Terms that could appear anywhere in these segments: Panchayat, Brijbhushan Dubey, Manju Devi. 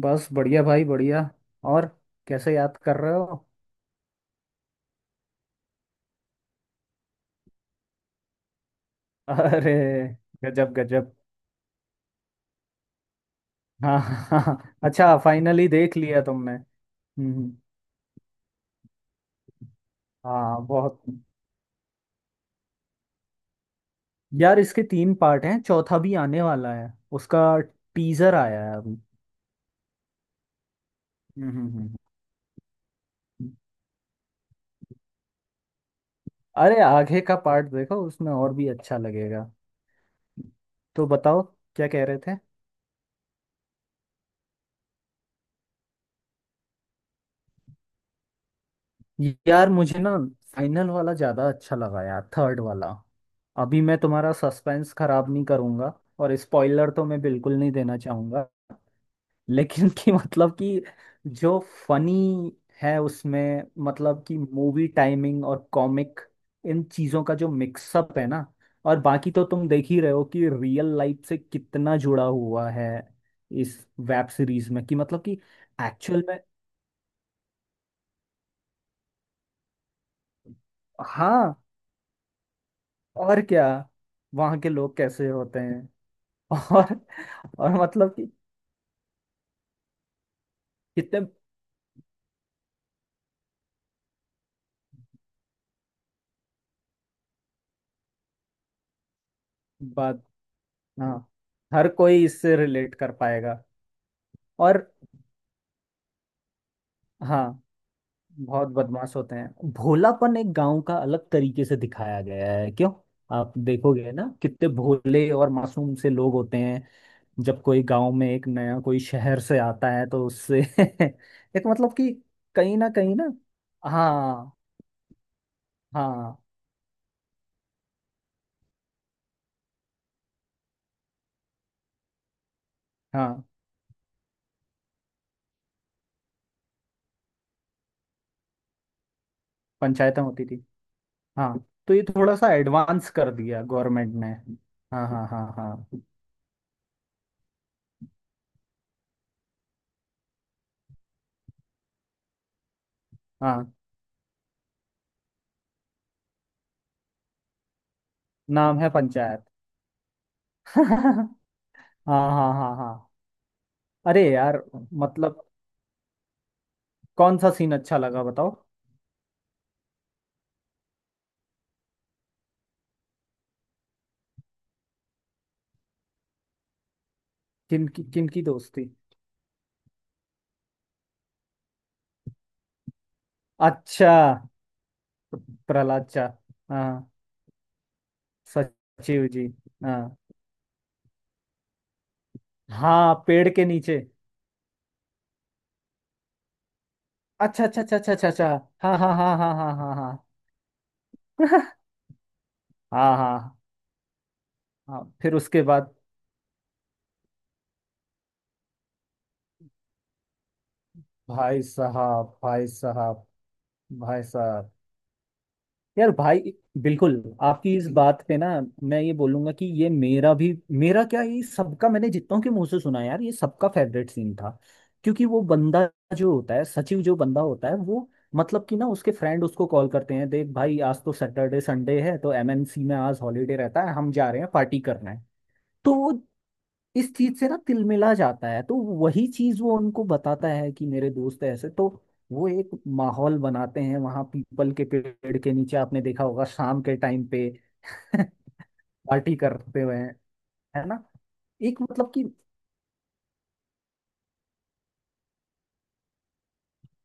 बस बढ़िया भाई बढ़िया। और कैसे याद कर रहे हो। अरे गजब गजब। हाँ हाँ हाँ, हाँ। अच्छा फाइनली देख लिया तुमने। हम्म हम्म। हाँ बहुत। यार इसके तीन पार्ट हैं, चौथा भी आने वाला है उसका। टीजर आया है अभी। हम्म हम्म, हम्म, हम्म। अरे आगे का पार्ट देखो, उसमें और भी अच्छा लगेगा। तो बताओ क्या कह रहे थे। यार मुझे ना फाइनल वाला ज्यादा अच्छा लगा यार, थर्ड वाला। अभी मैं तुम्हारा सस्पेंस खराब नहीं करूंगा। और स्पॉइलर तो मैं बिल्कुल नहीं देना चाहूंगा। लेकिन कि मतलब कि जो फनी है उसमें, मतलब कि मूवी टाइमिंग और कॉमिक, इन चीजों का जो मिक्सअप है ना। और बाकी तो तुम देख ही रहे हो कि रियल लाइफ से कितना जुड़ा हुआ है इस वेब सीरीज में, कि मतलब कि एक्चुअल में। हाँ और क्या, वहाँ के लोग कैसे होते हैं। और और मतलब कि कितने बात। हाँ हर कोई इससे रिलेट कर पाएगा। और हाँ बहुत बदमाश होते हैं। भोलापन एक गांव का अलग तरीके से दिखाया गया है क्यों। आप देखोगे ना कितने भोले और मासूम से लोग होते हैं। जब कोई गांव में एक नया कोई शहर से आता है तो उससे एक मतलब कि कहीं ना कहीं ना। हाँ हाँ हाँ पंचायतें होती थी। हाँ, तो ये थोड़ा सा एडवांस कर दिया गवर्नमेंट ने। हाँ हाँ हाँ हाँ हाँ, नाम है पंचायत। हाँ हाँ हाँ हाँ। अरे यार मतलब कौन सा सीन अच्छा लगा बताओ। किनकी किनकी दोस्ती। अच्छा, प्रहलाद चा। हाँ, सचिव जी। हाँ हाँ, पेड़ के नीचे। अच्छा अच्छा अच्छा अच्छा अच्छा अच्छा। हाँ हाँ हाँ हाँ हाँ हाँ हाँ। हाँ हाँ। हाँ फिर उसके बाद भाई साहब भाई साहब। भाई साहब, यार भाई, बिल्कुल आपकी इस बात पे ना मैं ये बोलूंगा कि ये मेरा भी, मेरा क्या ये सबका, मैंने जितनों के मुंह से सुना है यार, ये सबका फेवरेट सीन था। क्योंकि वो बंदा जो होता है, सचिव जो बंदा होता है वो, मतलब कि ना उसके फ्रेंड उसको कॉल करते हैं, देख भाई आज तो सैटरडे संडे है तो एमएनसी में आज हॉलीडे रहता है, हम जा रहे हैं, पार्टी करना है। तो वो इस चीज से ना तिलमिला जाता है, तो वही चीज वो उनको बताता है कि मेरे दोस्त ऐसे, तो वो एक माहौल बनाते हैं वहां पीपल के पेड़ के नीचे, आपने देखा होगा शाम के टाइम पे। पार्टी करते हुए हैं, है ना। एक मतलब कि,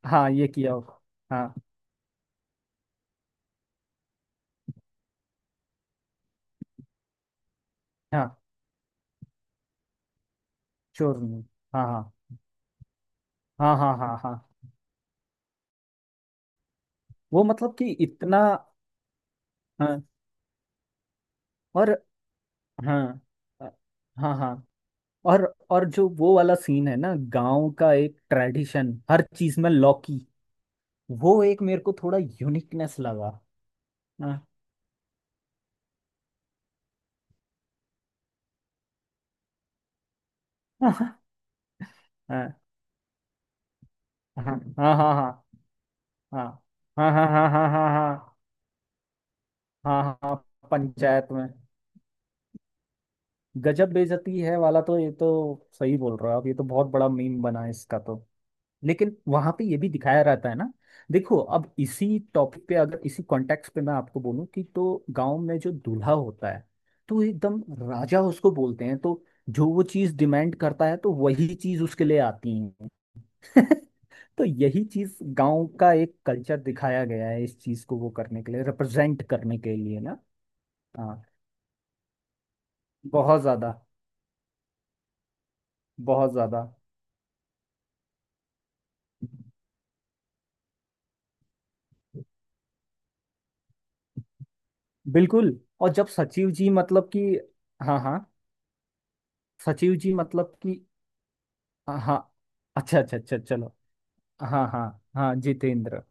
हाँ ये किया हो। हाँ हाँ, श्योर नहीं। हाँ हाँ हाँ हाँ हाँ हाँ। वो मतलब कि इतना। हाँ और हाँ, अ, हाँ हाँ। और और जो वो वाला सीन है ना, गांव का एक ट्रेडिशन हर चीज में लौकी, वो एक मेरे को थोड़ा यूनिकनेस लगा। हाँ हाँ हाँ हाँ हाँ हाँ हाँ हाँ हाँ हाँ हाँ हाँ हाँ, हाँ, पंचायत में। गजब बेइज्जती है वाला तो, ये तो सही बोल रहे हो आप, ये तो बहुत बड़ा मीम बना है इसका तो। लेकिन वहां पे ये भी दिखाया रहता है ना। देखो, अब इसी टॉपिक पे अगर इसी कॉन्टेक्स्ट पे मैं आपको बोलूं कि तो गांव में जो दूल्हा होता है तो एकदम राजा उसको बोलते हैं, तो जो वो चीज डिमांड करता है तो वही चीज उसके लिए आती है। तो यही चीज गांव का एक कल्चर दिखाया गया है, इस चीज को वो करने के लिए, रिप्रेजेंट करने के लिए ना। हाँ बहुत ज्यादा बहुत ज्यादा। बिल्कुल। और जब सचिव जी मतलब कि, हाँ हाँ, सचिव जी मतलब कि। हाँ अच्छा अच्छा अच्छा चलो। हाँ हाँ हाँ जितेंद्र।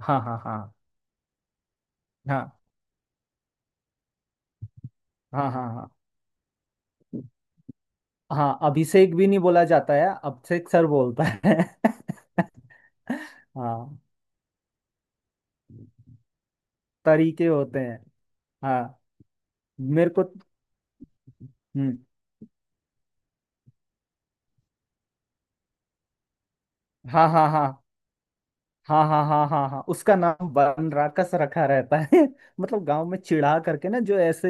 हाँ हाँ हाँ हाँ हाँ हाँ हाँ। हाँ, अभिषेक भी नहीं बोला जाता है, अभिषेक सर बोलता है। हाँ तरीके होते हैं। हाँ मेरे को। हम्म। हाँ हाँ हाँ हाँ हाँ हाँ हाँ हाँ उसका नाम बनराकस रखा रहता है। मतलब गांव में चिढ़ा करके ना, जो ऐसे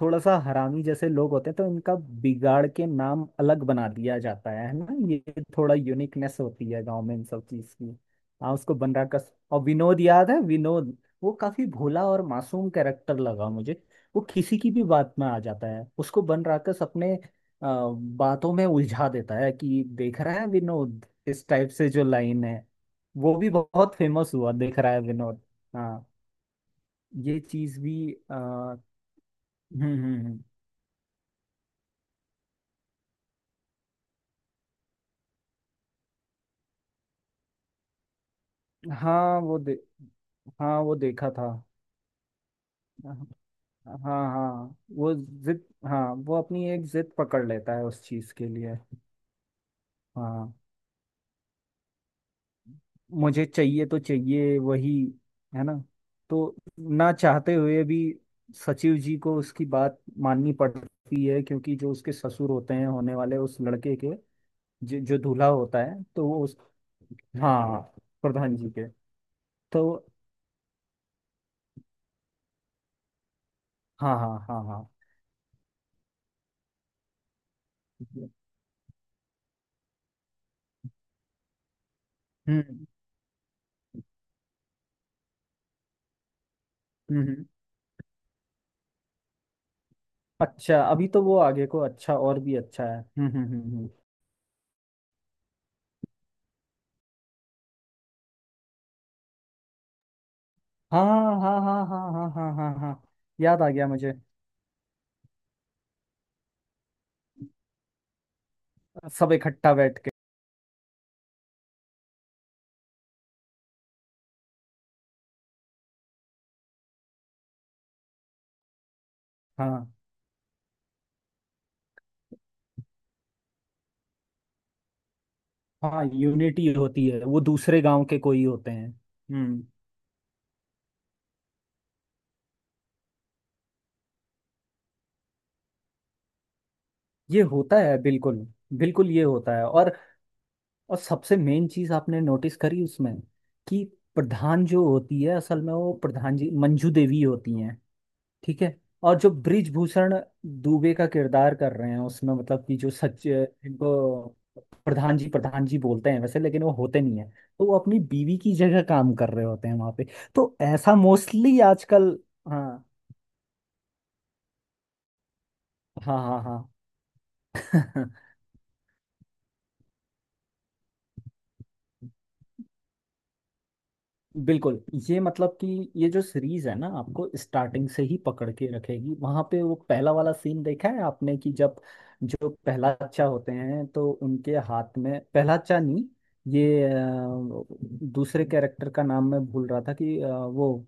थोड़ा सा हरामी जैसे लोग होते हैं, तो इनका बिगाड़ के नाम अलग बना दिया जाता है ना। ये थोड़ा यूनिकनेस होती है गांव में इन सब चीज की। हाँ उसको बनराकस, और विनोद याद है, विनोद। वो काफी भोला और मासूम कैरेक्टर लगा मुझे। वो किसी की भी बात में आ जाता है, उसको बनराकस अपने बातों में उलझा देता है कि देख रहा है विनोद, इस टाइप से जो लाइन है। वो भी बहुत फेमस हुआ दिख रहा है, विनोद। हाँ ये चीज भी हम्म। हम्म हम्म। हाँ हाँ वो देखा था। हाँ हाँ वो जिद, हाँ वो अपनी एक जिद पकड़ लेता है उस चीज के लिए। हाँ, मुझे चाहिए तो चाहिए वही, है ना। तो ना चाहते हुए भी सचिव जी को उसकी बात माननी पड़ती है, क्योंकि जो उसके ससुर होते हैं होने वाले उस लड़के के, जो दूल्हा होता है, तो वो। हाँ हाँ, प्रधान जी के तो। हाँ हाँ हाँ हाँ। हम्म हम्म हम्म। अच्छा अभी तो वो आगे को अच्छा, और भी अच्छा है। हाँ हाँ हाँ हाँ हाँ हाँ हाँ हाँ हाँ। याद आ गया मुझे। सब इकट्ठा बैठ के। हाँ हाँ, यूनिटी होती है, वो दूसरे गांव के कोई होते हैं। हम्म। ये होता है, बिल्कुल बिल्कुल ये होता है। और सबसे मेन चीज आपने नोटिस करी उसमें कि प्रधान जो होती है असल में, वो प्रधान जी मंजू देवी होती हैं। ठीक है। और जो ब्रिजभूषण दुबे का किरदार कर रहे हैं उसमें, मतलब कि जो, सच इनको प्रधान जी बोलते हैं वैसे, लेकिन वो होते नहीं है। तो वो अपनी बीवी की जगह काम कर रहे होते हैं वहां पे। तो ऐसा मोस्टली आजकल। हाँ हाँ हाँ हाँ। बिल्कुल। ये मतलब कि ये जो सीरीज है ना आपको स्टार्टिंग से ही पकड़ के रखेगी। वहां पे वो पहला वाला सीन देखा है आपने कि जब जो पहलाचा होते हैं तो उनके हाथ में, पहलाचा नहीं ये दूसरे कैरेक्टर का नाम मैं भूल रहा था कि वो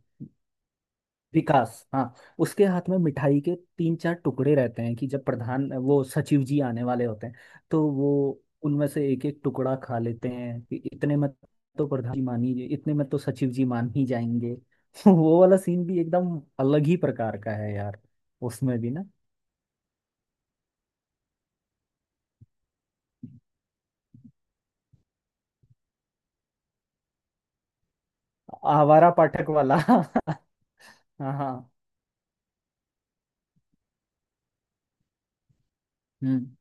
विकास। हाँ उसके हाथ में मिठाई के तीन चार टुकड़े रहते हैं कि जब प्रधान वो सचिव जी आने वाले होते हैं, तो वो उनमें से एक एक टुकड़ा खा लेते हैं कि इतने में, तो प्रधान जी मान ही, इतने में तो सचिव जी मान ही जाएंगे। वो वाला सीन भी एकदम अलग ही प्रकार का है यार। उसमें भी ना आवारा पाठक वाला। हाँ हाँ हम्म।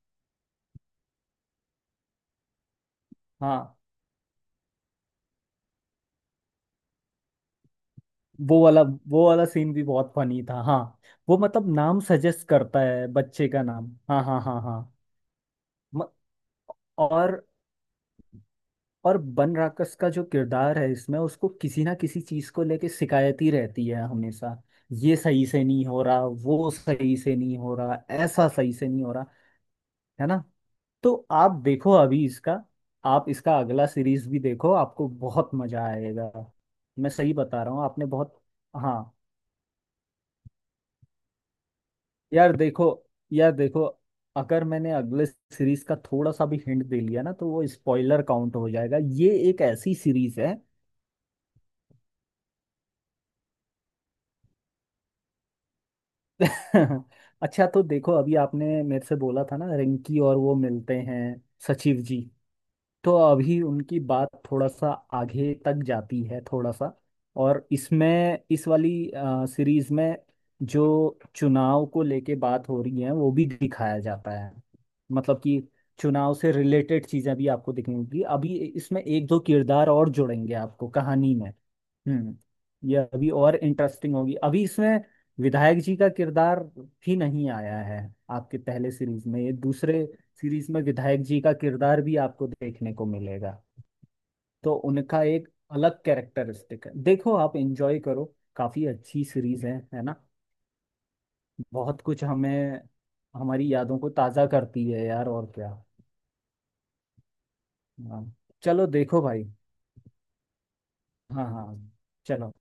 हाँ वो वाला सीन भी बहुत फनी था। हाँ वो मतलब नाम सजेस्ट करता है, बच्चे का नाम, हाँ हाँ हाँ हाँ। म- और और बन राकस का जो किरदार है इसमें, उसको किसी ना किसी चीज को लेके शिकायत ही रहती है हमेशा। ये सही से नहीं हो रहा, वो सही से नहीं हो रहा, ऐसा सही से नहीं हो रहा, है ना। तो आप देखो अभी इसका, आप इसका अगला सीरीज भी देखो, आपको बहुत मजा आएगा। मैं सही बता रहा हूँ, आपने बहुत। हाँ यार देखो, यार देखो, अगर मैंने अगले सीरीज का थोड़ा सा भी हिंट दे लिया ना तो वो स्पॉइलर काउंट हो जाएगा, ये एक ऐसी सीरीज है। अच्छा तो देखो अभी आपने मेरे से बोला था ना रिंकी और वो मिलते हैं सचिव जी, तो अभी उनकी बात थोड़ा सा आगे तक जाती है थोड़ा सा। और इसमें इस वाली सीरीज में जो चुनाव को लेके बात हो रही है वो भी दिखाया जाता है, मतलब कि चुनाव से रिलेटेड चीजें भी आपको दिखेंगी। अभी इसमें एक दो किरदार और जुड़ेंगे आपको कहानी में। हम्म। ये अभी और इंटरेस्टिंग होगी अभी इसमें, विधायक जी का किरदार भी नहीं आया है आपके पहले सीरीज में, ये दूसरे सीरीज में विधायक जी का किरदार भी आपको देखने को मिलेगा। तो उनका एक अलग कैरेक्टरिस्टिक है, देखो आप एंजॉय करो, काफी अच्छी सीरीज है ना। बहुत कुछ हमें, हमारी यादों को ताजा करती है यार, और क्या। हाँ चलो देखो भाई। हाँ हाँ चलो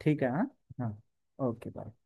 ठीक है। हाँ हाँ ओके बाय।